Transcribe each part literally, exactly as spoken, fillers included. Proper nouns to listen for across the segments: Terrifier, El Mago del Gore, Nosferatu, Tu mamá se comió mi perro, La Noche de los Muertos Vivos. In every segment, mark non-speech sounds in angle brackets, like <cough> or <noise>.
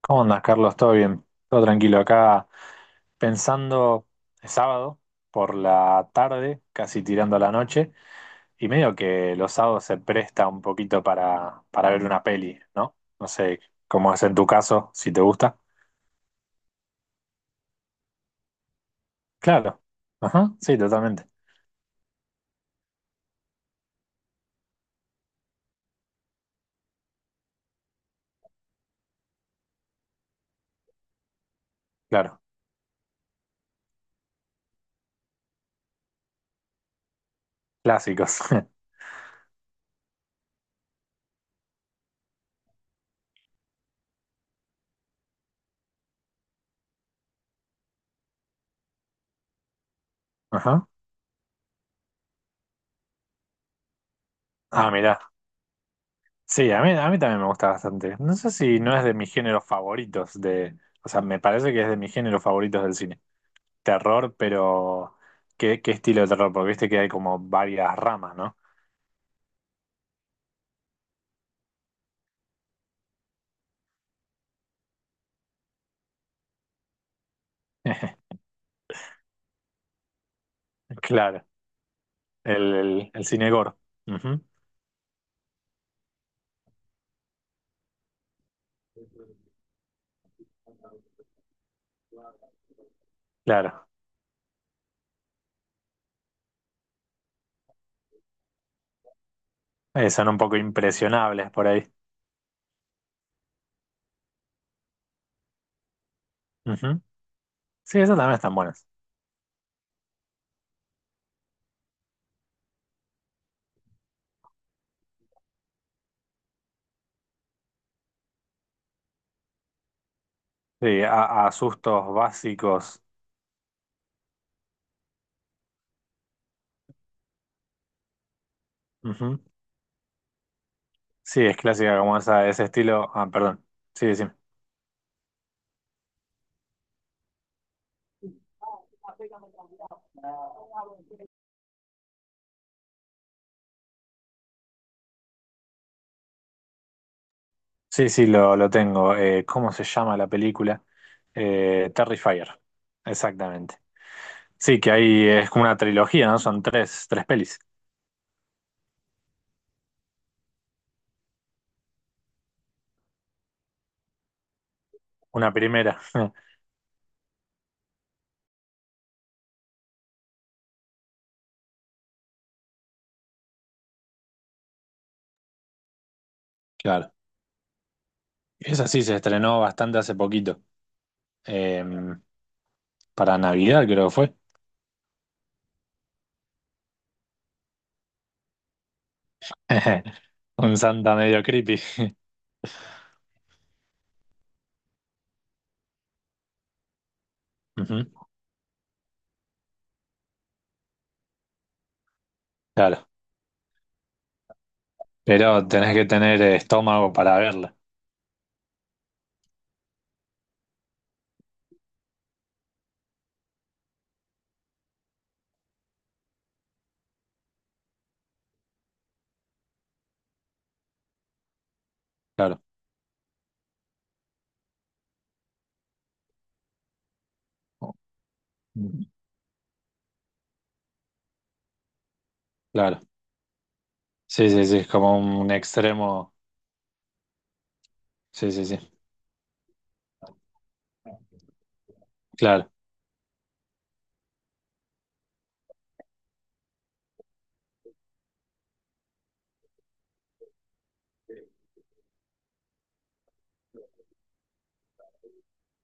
¿Cómo andas, Carlos? ¿Todo bien? Todo tranquilo. Acá pensando, es sábado, por la tarde, casi tirando a la noche, y medio que los sábados se presta un poquito para, para ver una peli, ¿no? No sé cómo es en tu caso, si te gusta. Claro. Ajá, sí, totalmente. Claro. Clásicos. <laughs> Ajá. Ah, mirá. Sí, a mí, a mí también me gusta bastante. No sé si no es de mis géneros favoritos de... O sea, me parece que es de mis géneros favoritos del cine terror, pero ¿qué, qué estilo de terror? Porque viste que hay como varias ramas, ¿no? <laughs> Claro, el, el, el cine gore. Ujú. Claro. Eh, son un poco impresionables por ahí. Ujú. Sí, esas también están buenas. Sí, a, a sustos básicos. Ujú. Sí, es clásica como esa, ese estilo. Ah, perdón. Sí, sí. Sí, sí, lo, lo tengo. Eh, ¿cómo se llama la película? Eh, Terrifier. Exactamente. Sí, que ahí es como una trilogía, ¿no? Son tres, tres pelis. Una primera. <laughs> Claro. Esa sí se estrenó bastante hace poquito. Eh, para Navidad creo que fue. <laughs> Un Santa medio creepy. Ujú. Claro. Pero tenés que tener eh, estómago para verla. Claro. Claro. Sí, sí, sí. Es como un extremo. Sí, sí, sí. Claro.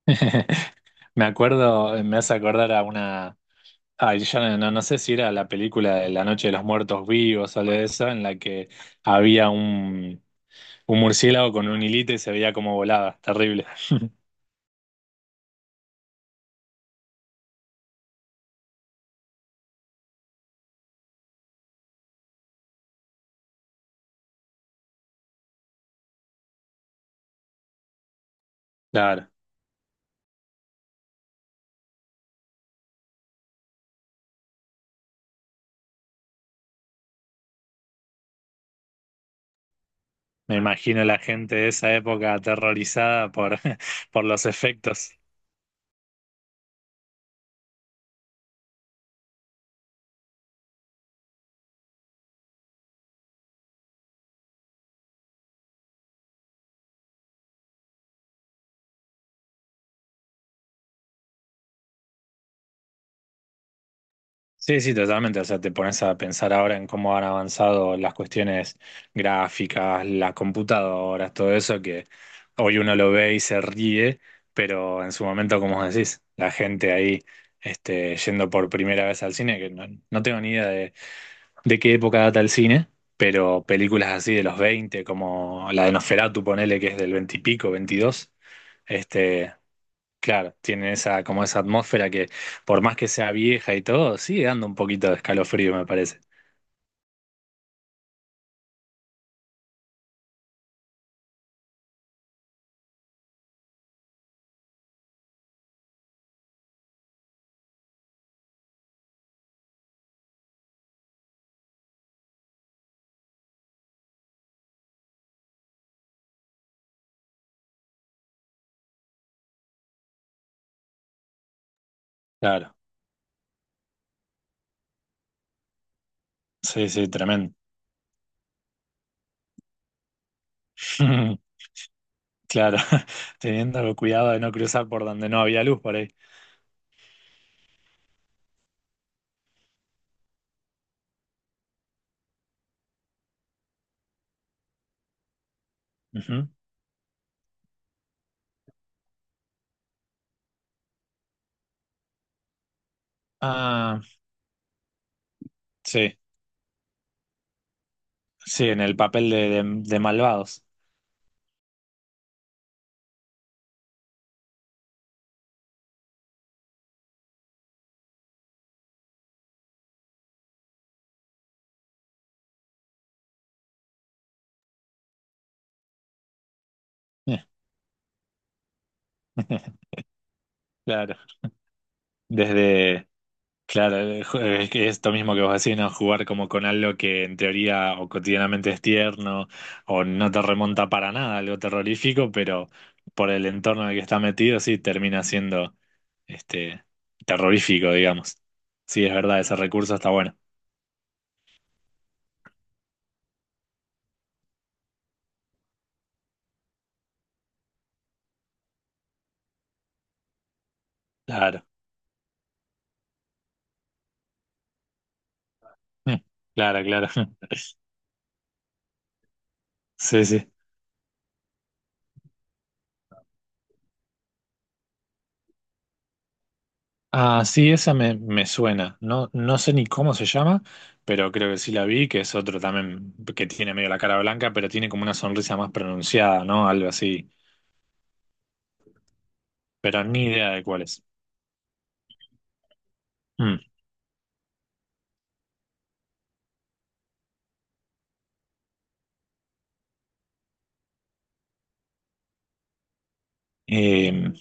<laughs> Me acuerdo, me hace acordar a una. Ay, yo no, no- no sé si era la película de La Noche de los Muertos Vivos o algo de eso, en la que había un, un murciélago con un hilito y se veía como volaba. Terrible. <laughs> Claro, me imagino la gente de esa época aterrorizada por, <laughs> por los efectos. Sí, sí, totalmente. O sea, te pones a pensar ahora en cómo han avanzado las cuestiones gráficas, las computadoras, todo eso que hoy uno lo ve y se ríe, pero en su momento, como vos decís, la gente ahí este, yendo por primera vez al cine, que no, no tengo ni idea de, de qué época data el cine, pero películas así de los veinte, como la de Nosferatu, ponele que es del veinte y pico, veintidós. Este, claro, tiene esa, como esa atmósfera que, por más que sea vieja y todo, sigue dando un poquito de escalofrío, me parece. Claro, sí, sí, tremendo. <laughs> Claro, <laughs> teniendo cuidado de no cruzar por donde no había luz por ahí. Ujú. Ah, sí, sí, en el papel de, de- de malvados. <laughs> Claro, desde, claro, eh, ju- eh, es que esto mismo que vos decís, ¿no? Jugar como con algo que en teoría o cotidianamente es tierno o no te remonta para nada, a algo terrorífico, pero por el entorno en el que está metido, sí, termina siendo este terrorífico, digamos. Sí, es verdad, ese recurso está bueno. Claro, <laughs> claro, claro. <laughs> Sí, sí. Ah, sí, esa me, me suena. No, no sé ni cómo se llama, pero creo que sí la vi, que es otro también que tiene medio la cara blanca, pero tiene como una sonrisa más pronunciada, ¿no? Algo así. Pero ni idea de cuál es. Mm. Eh,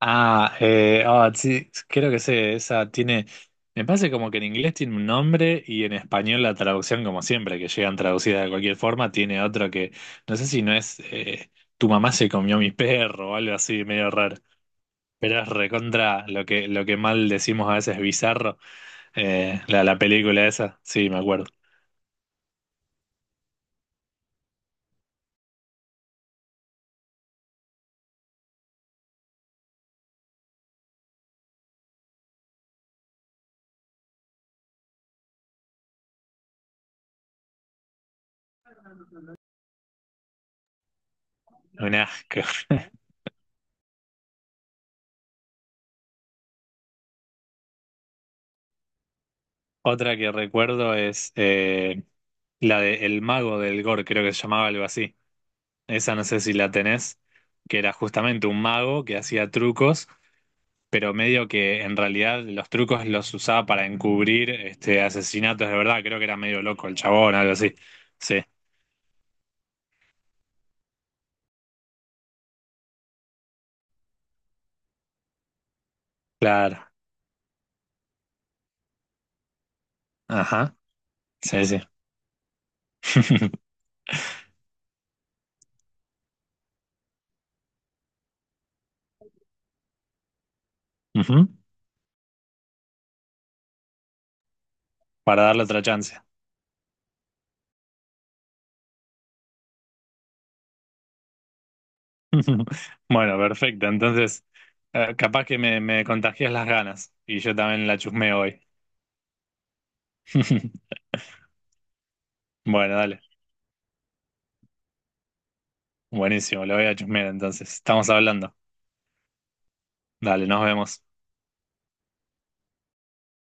ah, eh, ah, sí, creo que sé, esa tiene. Me parece como que en inglés tiene un nombre y en español la traducción, como siempre, que llegan traducidas de cualquier forma, tiene otro que. No sé si no es eh, Tu mamá se comió mi perro o algo así, medio raro. Pero es recontra lo que, lo que mal decimos a veces bizarro, eh, la, la película esa, sí, me acuerdo. Un asco. <laughs> Otra que recuerdo es eh, la de El Mago del Gore, creo que se llamaba algo así. Esa no sé si la tenés, que era justamente un mago que hacía trucos, pero medio que en realidad los trucos los usaba para encubrir este, asesinatos de verdad. Creo que era medio loco el chabón, algo así. Sí, claro. Ajá. Sí, sí. <laughs> Ujú. Para darle otra chance. <laughs> Bueno, perfecto. Entonces, eh, capaz que me, me contagias las ganas y yo también la chusmeo hoy. <laughs> Bueno, dale. Buenísimo, lo voy a chusmear entonces. Estamos hablando. Dale, nos vemos.